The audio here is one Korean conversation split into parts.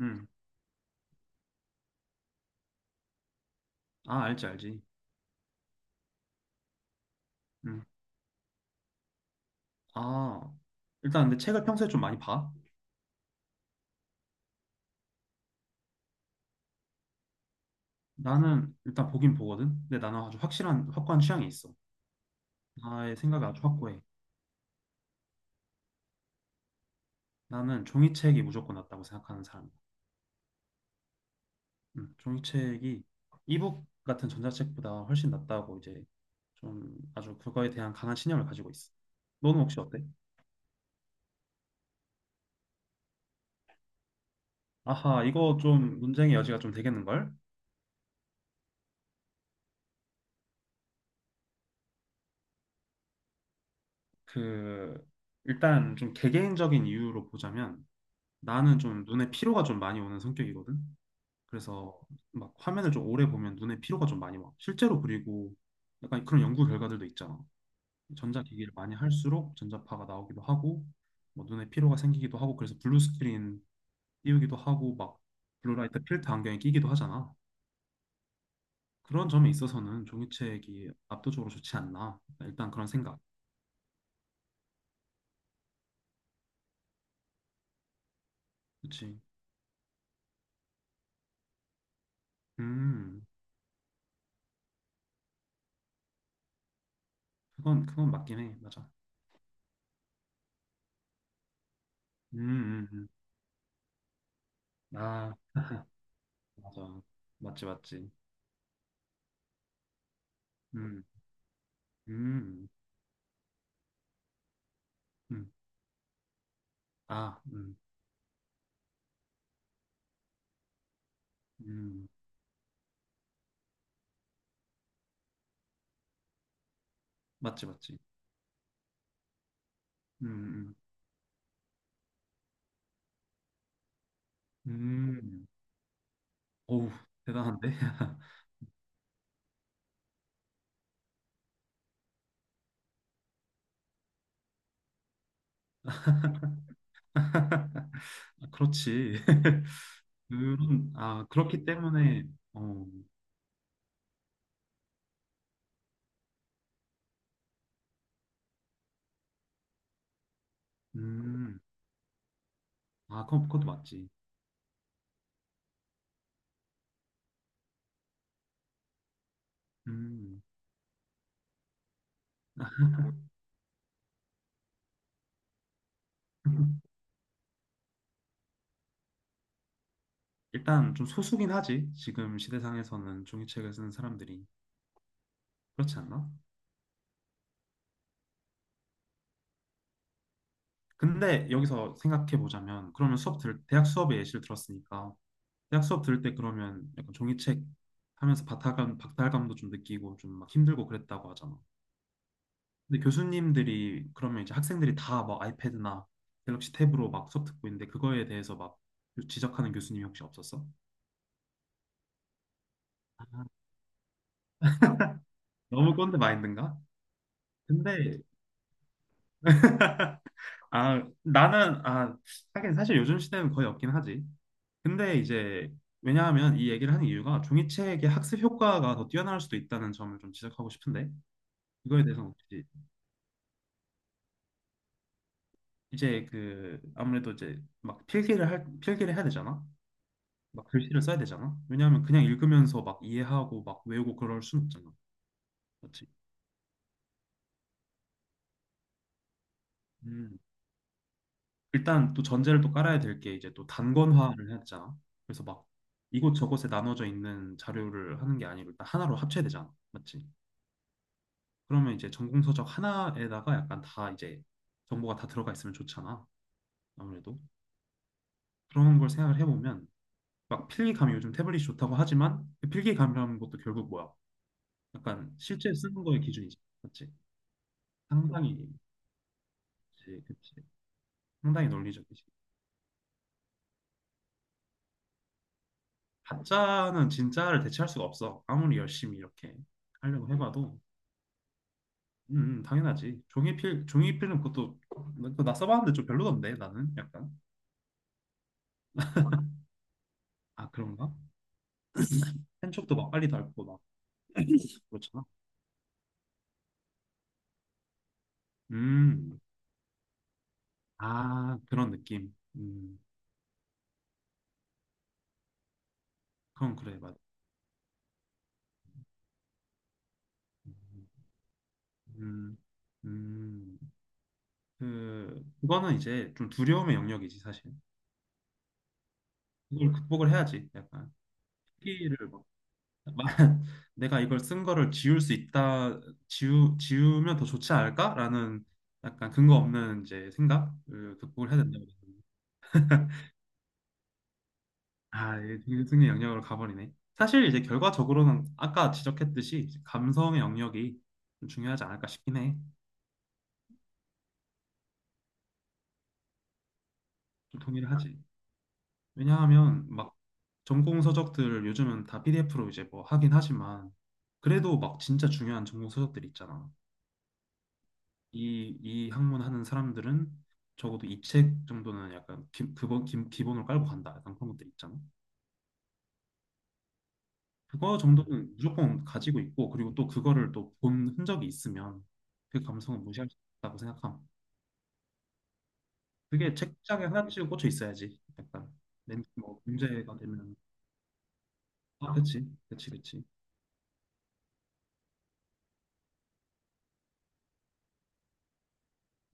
음. 아, 알지, 알지. 음. 아, 일단 근데 책을 평소에 좀 많이 봐? 나는 일단 보긴 보거든. 근데 나는 아주 확실한, 확고한 취향이 있어. 나의 생각이 아주 확고해. 나는 종이책이 무조건 낫다고 생각하는 사람이야. 종이책이 이북 같은 전자책보다 훨씬 낫다고 이제 좀 아주 그거에 대한 강한 신념을 가지고 있어. 너는 혹시 어때? 아하, 이거 좀 논쟁의 여지가 좀 되겠는걸? 그, 일단 좀 개개인적인 이유로 보자면 나는 좀 눈에 피로가 좀 많이 오는 성격이거든. 그래서 막 화면을 좀 오래 보면 눈에 피로가 좀 많이 와. 실제로 그리고 약간 그런 연구 결과들도 있잖아. 전자기기를 많이 할수록 전자파가 나오기도 하고 뭐 눈에 피로가 생기기도 하고 그래서 블루 스크린 띄우기도 하고 막 블루라이트 필터 안경에 끼기도 하잖아. 그런 점에 있어서는 종이책이 압도적으로 좋지 않나. 일단 그런 생각. 그치. 음, 그건 맞긴 해. 맞아. 음, 음, 음. 아, 맞아. 맞지, 맞지. 음. 음, 음, 아, 음, 맞지, 맞지. 음, 음, 음, 어우, 대단한데? 아, 그렇지. 그런, 아, 그렇기 때문에, 어, 음, 아, 그건, 그것도 맞지. 음, 일단 좀 소수긴 하지. 지금 시대상에서는 종이책을 쓰는 사람들이. 그렇지 않나? 근데 여기서 생각해 보자면, 그러면 대학 수업에 예시를 들었으니까, 대학 수업 들을 때 그러면 약간 종이책 하면서 박탈감도 좀 느끼고 좀 막 힘들고 그랬다고 하잖아. 근데 교수님들이 그러면 이제 학생들이 다 막 아이패드나 갤럭시 탭으로 막 수업 듣고 있는데 그거에 대해서 막 지적하는 교수님이 혹시 없었어? 너무 꼰대 마인드인가? 근데 아 나는 아 하긴 사실 요즘 시대는 거의 없긴 하지. 근데 이제 왜냐하면 이 얘기를 하는 이유가 종이책의 학습 효과가 더 뛰어날 수도 있다는 점을 좀 지적하고 싶은데 이거에 대해서 혹시 이제 그 아무래도 이제 막 필기를 해야 되잖아. 막 글씨를 써야 되잖아. 왜냐하면 그냥 읽으면서 막 이해하고 막 외우고 그럴 순 없잖아. 맞지? 음, 일단 또 전제를 또 깔아야 될 게 이제 또 단권화를 해야 되잖아. 그래서 막 이곳저곳에 나눠져 있는 자료를 하는 게 아니고 일단 하나로 합쳐야 되잖아. 맞지? 그러면 이제 전공서적 하나에다가 약간 다 이제 정보가 다 들어가 있으면 좋잖아. 아무래도 그런 걸 생각을 해보면 막 필기감이 요즘 태블릿이 좋다고 하지만 그 필기감이라는 것도 결국 뭐야? 약간 실제 쓰는 거의 기준이지. 그렇지? 상당히 그치, 그치. 상당히 논리적이지. 가짜는 진짜를 대체할 수가 없어. 아무리 열심히 이렇게 하려고 해봐도. 당연하지. 종이필은 그것도 그거 나 써봤는데 좀 별로던데 나는 약간. 아 그런가? 펜촉도 막 빨리 닳고 막 그렇잖아. 음, 아, 그런 느낌. 그건 그래 맞아. 음, 음, 음. 그거는 이제 좀 두려움의 영역이지 사실. 이걸 극복을 해야지. 약간 시기를 막 내가 이걸 쓴 거를 지울 수 있다, 지우면 더 좋지 않을까라는 약간 근거 없는 이제 생각을 극복을 해야 된다고. 아, 이게 되게 승리 영역으로 가버리네. 사실 이제 결과적으로는 아까 지적했듯이 이제 감성의 영역이 좀 중요하지 않을까 싶긴 해. 좀 동의를 하지. 왜냐하면 막 전공 서적들 요즘은 다 PDF로 이제 뭐 하긴 하지만 그래도 막 진짜 중요한 전공 서적들 있잖아. 이 학문 하는 사람들은 적어도 이 책 정도는 약간 기본으로 깔고 간다. 약간 그런 것들 있잖아. 그거 정도는 무조건 가지고 있고, 그리고 또 그거를 또 본 흔적이 있으면 그 감성은 무시할 수 없다고 생각함. 그게 책장에 하나씩 꽂혀 있어야지. 약간 뭐 문제가 되면. 아, 그치, 그치, 그치.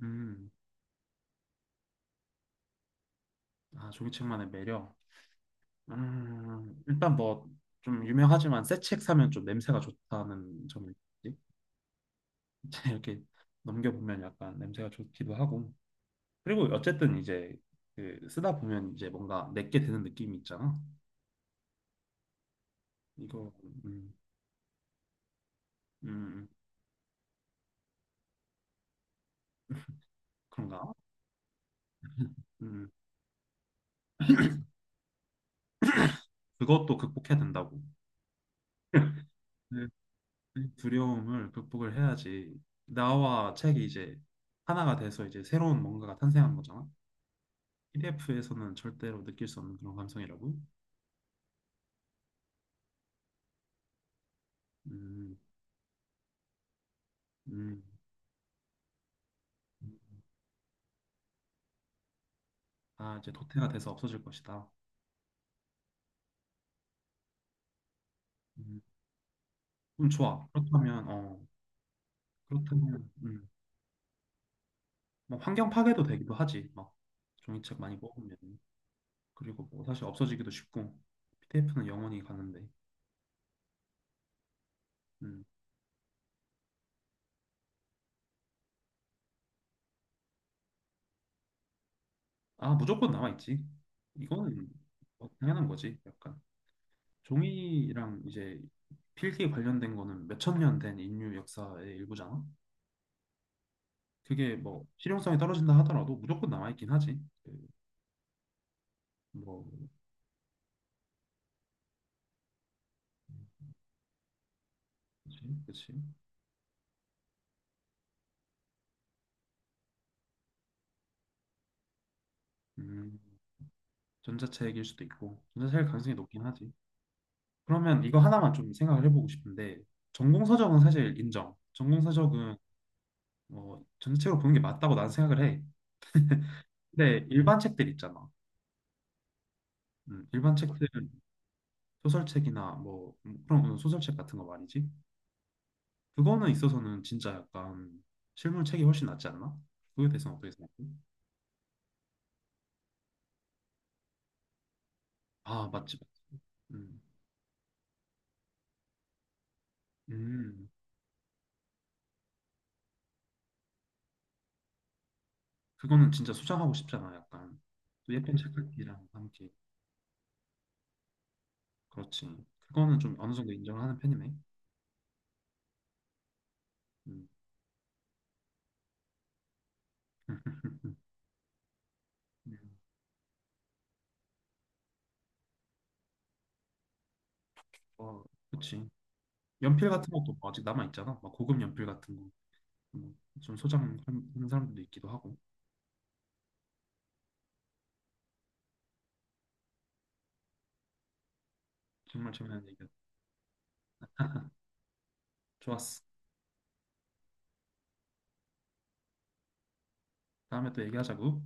음, 아, 종이책만의 매력. 일단 뭐 좀 유명하지만 새 책 사면 좀 냄새가 좋다는 점이 있지. 이렇게 넘겨보면 약간 냄새가 좋기도 하고 그리고 어쨌든 이제 그 쓰다 보면 이제 뭔가 내게 되는 느낌이 있잖아. 이거. 음, 음, 그런가? 음 그것도 극복해야 된다고. 네, 이 두려움을 극복을 해야지 나와 책이 이제 하나가 돼서 이제 새로운 뭔가가 탄생한 거잖아. PDF에서는 절대로 느낄 수 없는 그런 감성이라고. 음, 음. 아, 이제 도태가 돼서 없어질 것이다. 음, 좋아, 그렇다면, 어. 그렇다면 막 환경 파괴도 되기도 하지. 막 종이책 많이 뽑으면. 그리고 뭐 사실 없어지기도 쉽고. PDF는 영원히 가는데. 음. 아, 무조건 남아 있지. 이거는 뭐 당연한 거지. 약간 종이랑 이제 필기 관련된 거는 몇천 년 된 인류 역사의 일부잖아. 그게 뭐 실용성이 떨어진다 하더라도 무조건 남아 있긴 하지. 그, 뭐 그치? 그치? 음. 전자책일 수도 있고 전자책일 가능성이 높긴 하지. 그러면 이거 하나만 좀 생각을 해보고 싶은데 전공 서적은 사실 인정. 전공 서적은 뭐 전체적으로 보는 게 맞다고 난 생각을 해. 근데 일반 책들 있잖아. 일반 책들 소설책이나 뭐 그런 소설책 같은 거 말이지. 그거는 있어서는 진짜 약간 실물책이 훨씬 낫지 않나? 그거에 대해서는 어떻게 생각해? 아 맞지 맞지. 음, 음 그거는 진짜 소장하고 싶잖아. 약간 또 예쁜 책 읽기랑 함께. 그렇지. 그거는 좀 어느 정도 인정을 하는 편이네. 음. 음. 어, 그치. 연필 같은 것도 뭐 아직 남아 있잖아. 막 고급 연필 같은 거. 뭐좀 소장하는 사람들도 있기도 하고. 정말 재미난 얘기야. 좋았어. 다음에 또 얘기하자고.